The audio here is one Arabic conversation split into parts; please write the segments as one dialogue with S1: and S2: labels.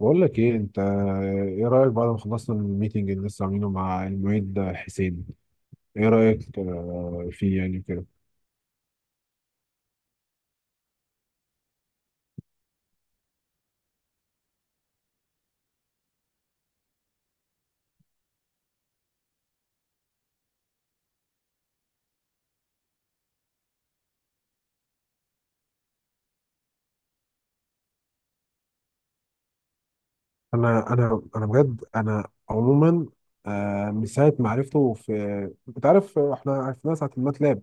S1: بقول لك ايه، انت ايه رايك بعد ما خلصنا من الميتنج اللي لسه عاملينه مع المعيد حسين؟ ايه رايك، فيه يعني كده؟ انا بجد انا عموما، من ساعه ما عرفته في... انت عارف، احنا عرفناه ساعه الماتلاب،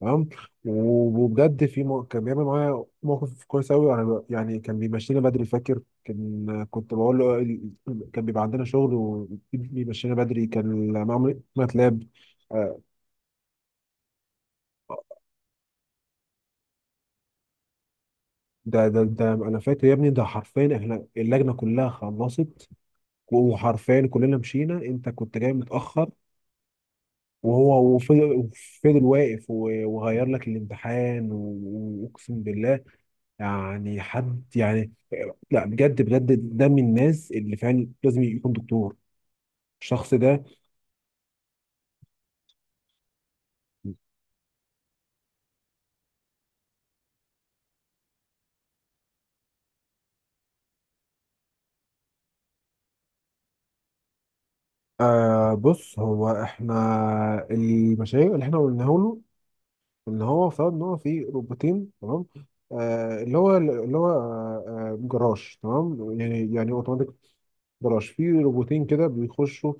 S1: تمام. وبجد في كان بيعمل معايا موقف كويس قوي. يعني كان بيمشينا بدري، فاكر. كان كنت بقول له ال- كان بيبقى عندنا شغل وبيمشينا بدري، كان معمل ماتلاب. ده، انا فاكر يا ابني. ده حرفيا احنا اللجنه كلها خلصت، وحرفيا كلنا مشينا، انت كنت جاي متاخر. وهو وفضل واقف، وغير لك الامتحان، واقسم بالله. يعني حد يعني... لا بجد، بجد ده من الناس اللي فعلا لازم يكون دكتور. الشخص ده. بص، هو احنا، المشاريع اللي احنا قلناها له، ان هو افترض ان هو في روبوتين، تمام. اللي هو جراج، تمام، يعني اوتوماتيك جراج. في روبوتين كده بيخشوا،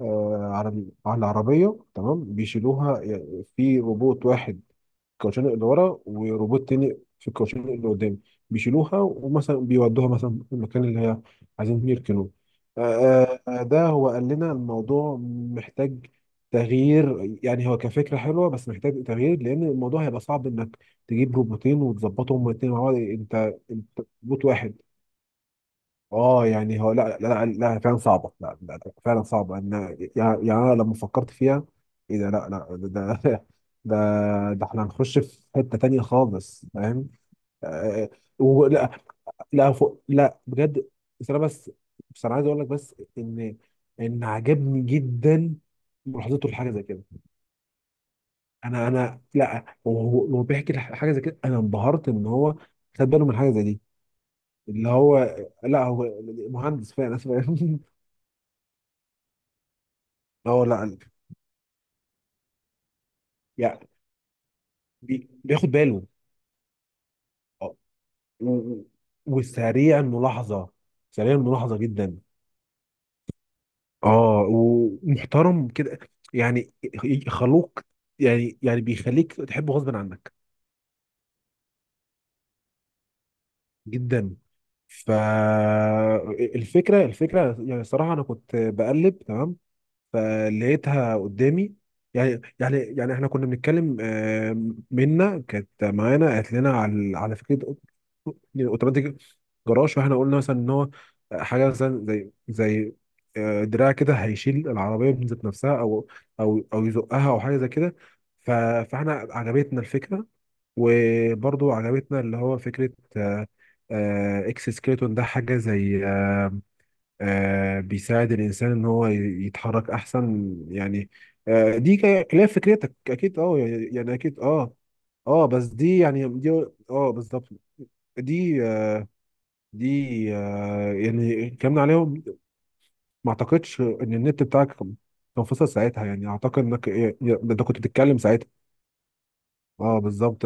S1: على العربية، تمام، بيشيلوها، يعني في روبوت واحد في الكاوتشين اللي ورا وروبوت تاني في الكاوتشين اللي قدام، بيشيلوها ومثلا بيودوها مثلا المكان اللي هي عايزين فيه يركنوه. ده هو قال لنا الموضوع محتاج تغيير. يعني هو كفكرة حلوة بس محتاج تغيير، لأن الموضوع هيبقى صعب إنك تجيب روبوتين وتظبطهم الاتنين مع بعض. أنت روبوت واحد. اه يعني هو، لا لا لا، لا فعلا صعبه، لا، لا، لا فعلا صعبه ان... يعني انا لما فكرت فيها، ايه ده! لا لا ده ده ده ده احنا هنخش في حته تانية خالص، فاهم؟ آه ولا، لا فوق، لا بجد. بس انا بس بس انا عايز اقول لك، بس ان عجبني جدا ملاحظته لحاجه زي كده. انا، لا وهو بيحكي حاجه زي كده، انا انبهرت ان هو خد باله من حاجه زي دي، اللي هو... لا هو مهندس فعلا أنا اسف. هو لا يعني بياخد باله، آه، و- و- وسريع الملاحظه، سريع الملاحظه جدا. اه ومحترم كده، يعني خلوق، يعني بيخليك تحبه غصب عنك. جدا. فالفكره الفكره الفكرة، يعني الصراحه انا كنت بقلب تمام فلقيتها قدامي. يعني احنا كنا بنتكلم، منا كانت معانا قالت لنا على فكره اوتوماتيك جراج، فاحنا قلنا مثلا ان هو حاجه مثلا زي دراع كده، هيشيل العربيه من ذات نفسها، او يزقها، او حاجه زي كده. ف- فاحنا عجبتنا الفكره. وبرضو عجبتنا اللي هو فكره آه، اكس سكيلتون، ده حاجه زي بيساعد الإنسان إن هو يتحرك أحسن، يعني. دي خلاف فكرتك أكيد، أه يعني أكيد أه. أه بس دي يعني دي. أه بالظبط، دي دي، يعني اتكلمنا عليهم. ما أعتقدش إن النت بتاعك كان فصل ساعتها، يعني أعتقد إنك ده أنت كنت بتتكلم ساعتها. أه بالظبط.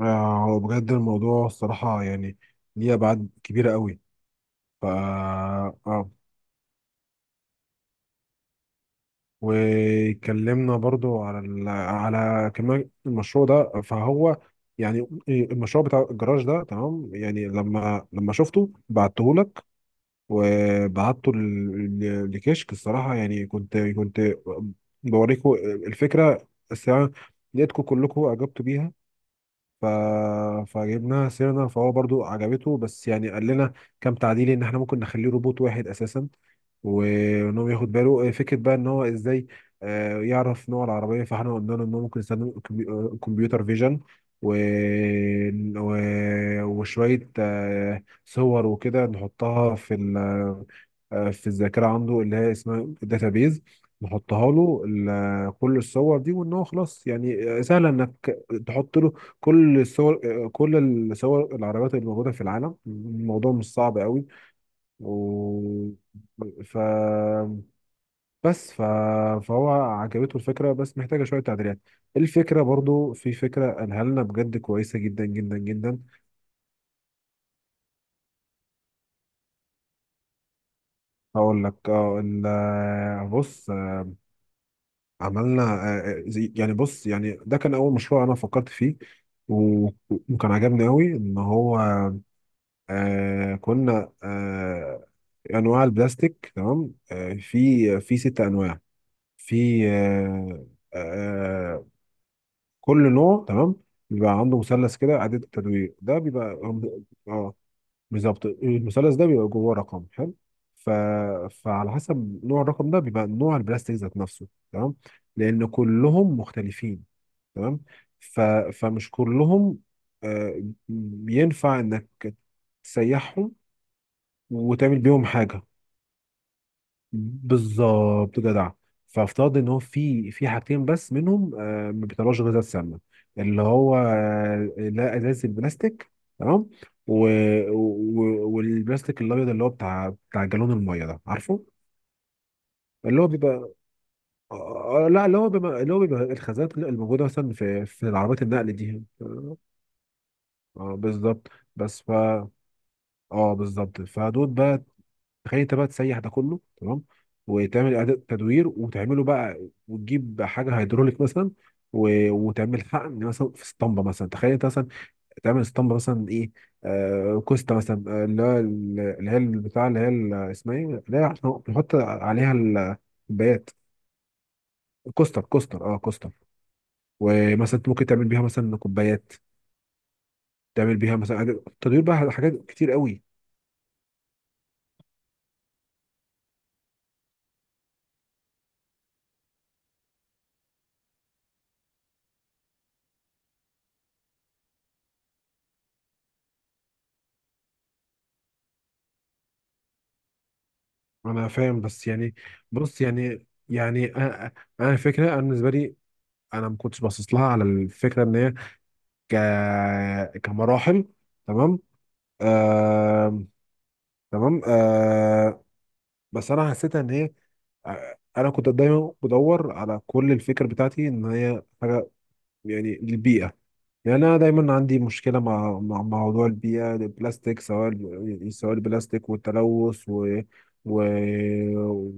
S1: بجد الموضوع الصراحة، يعني ليه أبعاد كبيرة قوي. ف اه واتكلمنا برضو على كمان المشروع ده، فهو يعني المشروع بتاع الجراج ده، تمام، يعني لما شفته بعته لك، وبعته لكشك. الصراحة يعني كنت بوريكم الفكرة الساعة، لقيتكم كلكم أعجبتوا بيها. ف... فجبناها سيرنا، فهو برضو عجبته، بس يعني قال لنا كام تعديل، ان احنا ممكن نخليه روبوت واحد اساسا، وان هو ياخد باله فكره بقى ان هو ازاي يعرف نوع العربيه. فاحنا قلنا له ان هو ممكن يستخدم الكمبيوتر فيجن، و... و... وشويه صور وكده نحطها في الذاكره عنده، اللي هي اسمها الداتابيز. نحطها له كل الصور دي، وان هو خلاص، يعني سهل انك تحط له كل الصور العربيات اللي موجوده في العالم، الموضوع مش صعب قوي. و ف بس ف... فهو عجبته الفكره بس محتاجه شويه تعديلات. الفكره، برضو في فكره قالها لنا بجد كويسه جدا جدا جدا. هقول لك. بص، عملنا يعني بص، يعني ده كان اول مشروع انا فكرت فيه، و- وكان عجبني قوي ان هو كنا انواع البلاستيك، تمام. في ست انواع، في آه كل نوع، تمام، بيبقى عنده مثلث كده إعادة تدوير، ده بيبقى... اه بالظبط، المثلث ده بيبقى جواه رقم حلو. ف... فعلى حسب نوع الرقم ده بيبقى نوع البلاستيك ذات نفسه، تمام، لأن كلهم مختلفين، تمام. ف... فمش كلهم آه ينفع إنك تسيحهم وتعمل بيهم حاجه. بالظبط جدع. فافترض ان هو في حاجتين بس منهم ما بيطلعوش غذاء السمنه، اللي هو لا، ازاز البلاستيك، تمام. و... والبلاستيك الابيض اللي هو بتاع جالون الميه ده، عارفه؟ اللي هو بيبقى لا، اللي هو بيبقى الخزانات اللي موجوده مثلا في العربيات النقل دي، بالظبط. بس ف اه بالظبط، فدول بقى، تخيل انت بقى تسيح ده كله، تمام، وتعمل اعاده تدوير وتعمله بقى، وتجيب حاجه هيدروليك مثلا، وتعمل حقن مثلا في اسطمبه مثلا. تخيل انت مثلا تعمل اسطمبه مثلا ايه، كوستا مثلا، اللي هو اللي هي البتاع، اللي هي اسمها ايه، اللي هي عشان بنحط عليها الكوبايات. كوستر. ومثلا انت ممكن تعمل بيها مثلا كوبايات، تعمل بيها مثلا تدوير بقى، على حاجات كتير قوي. انا فاهم بس يعني. بص يعني، يعني انا الفكره، انا بالنسبه لي، انا ما كنتش باصص لها على الفكره ان هي ك... كمراحل، تمام، آه... تمام، بس انا حسيتها ان هي انا كنت دايما بدور على كل الفكره بتاعتي ان هي حاجه يعني للبيئه. يعني انا دايما عندي مشكله مع موضوع البيئه، البلاستيك، سواء البلاستيك والتلوث، و...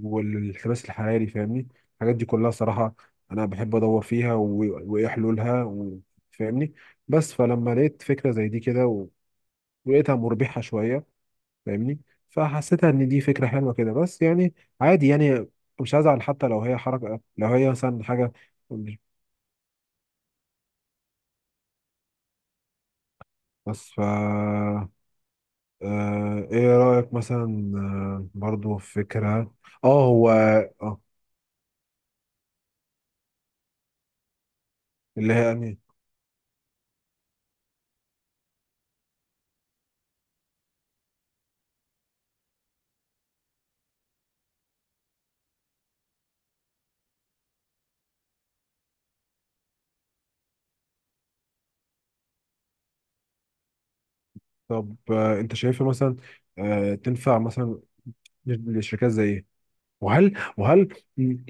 S1: والانحباس الحراري، فاهمني؟ الحاجات دي كلها صراحه انا بحب ادور فيها وايه حلولها، فاهمني؟ بس فلما لقيت فكره زي دي كده، ولقيتها مربحه شويه، فاهمني، فحسيتها ان دي فكره حلوه كده، بس يعني عادي يعني. مش هزعل حتى لو هي حركه، لو هي مثلا حاجه. بس ف آه، ايه رأيك مثلا، برضو في فكرة، اه هو اللي هي يعني... طب انت شايفها مثلا تنفع مثلا لشركات زي ايه؟ وهل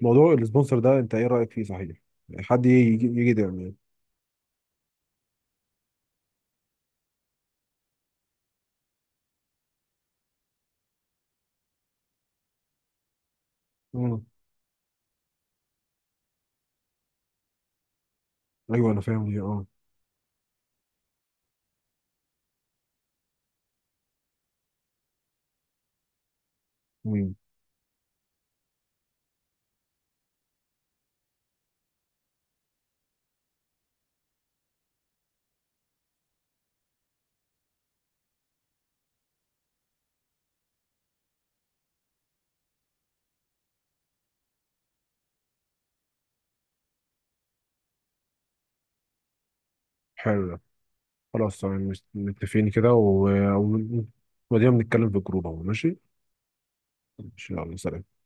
S1: موضوع السبونسر ده انت ايه رأيك فيه، صحيح؟ حد يجي ده، يعني... مم. ايوه انا فاهم دي، مم. حلو ده، خلاص تمام، متفقين كده، و... ودينا بنتكلم في الجروب اهو، ماشي. ان شاء الله، سلام.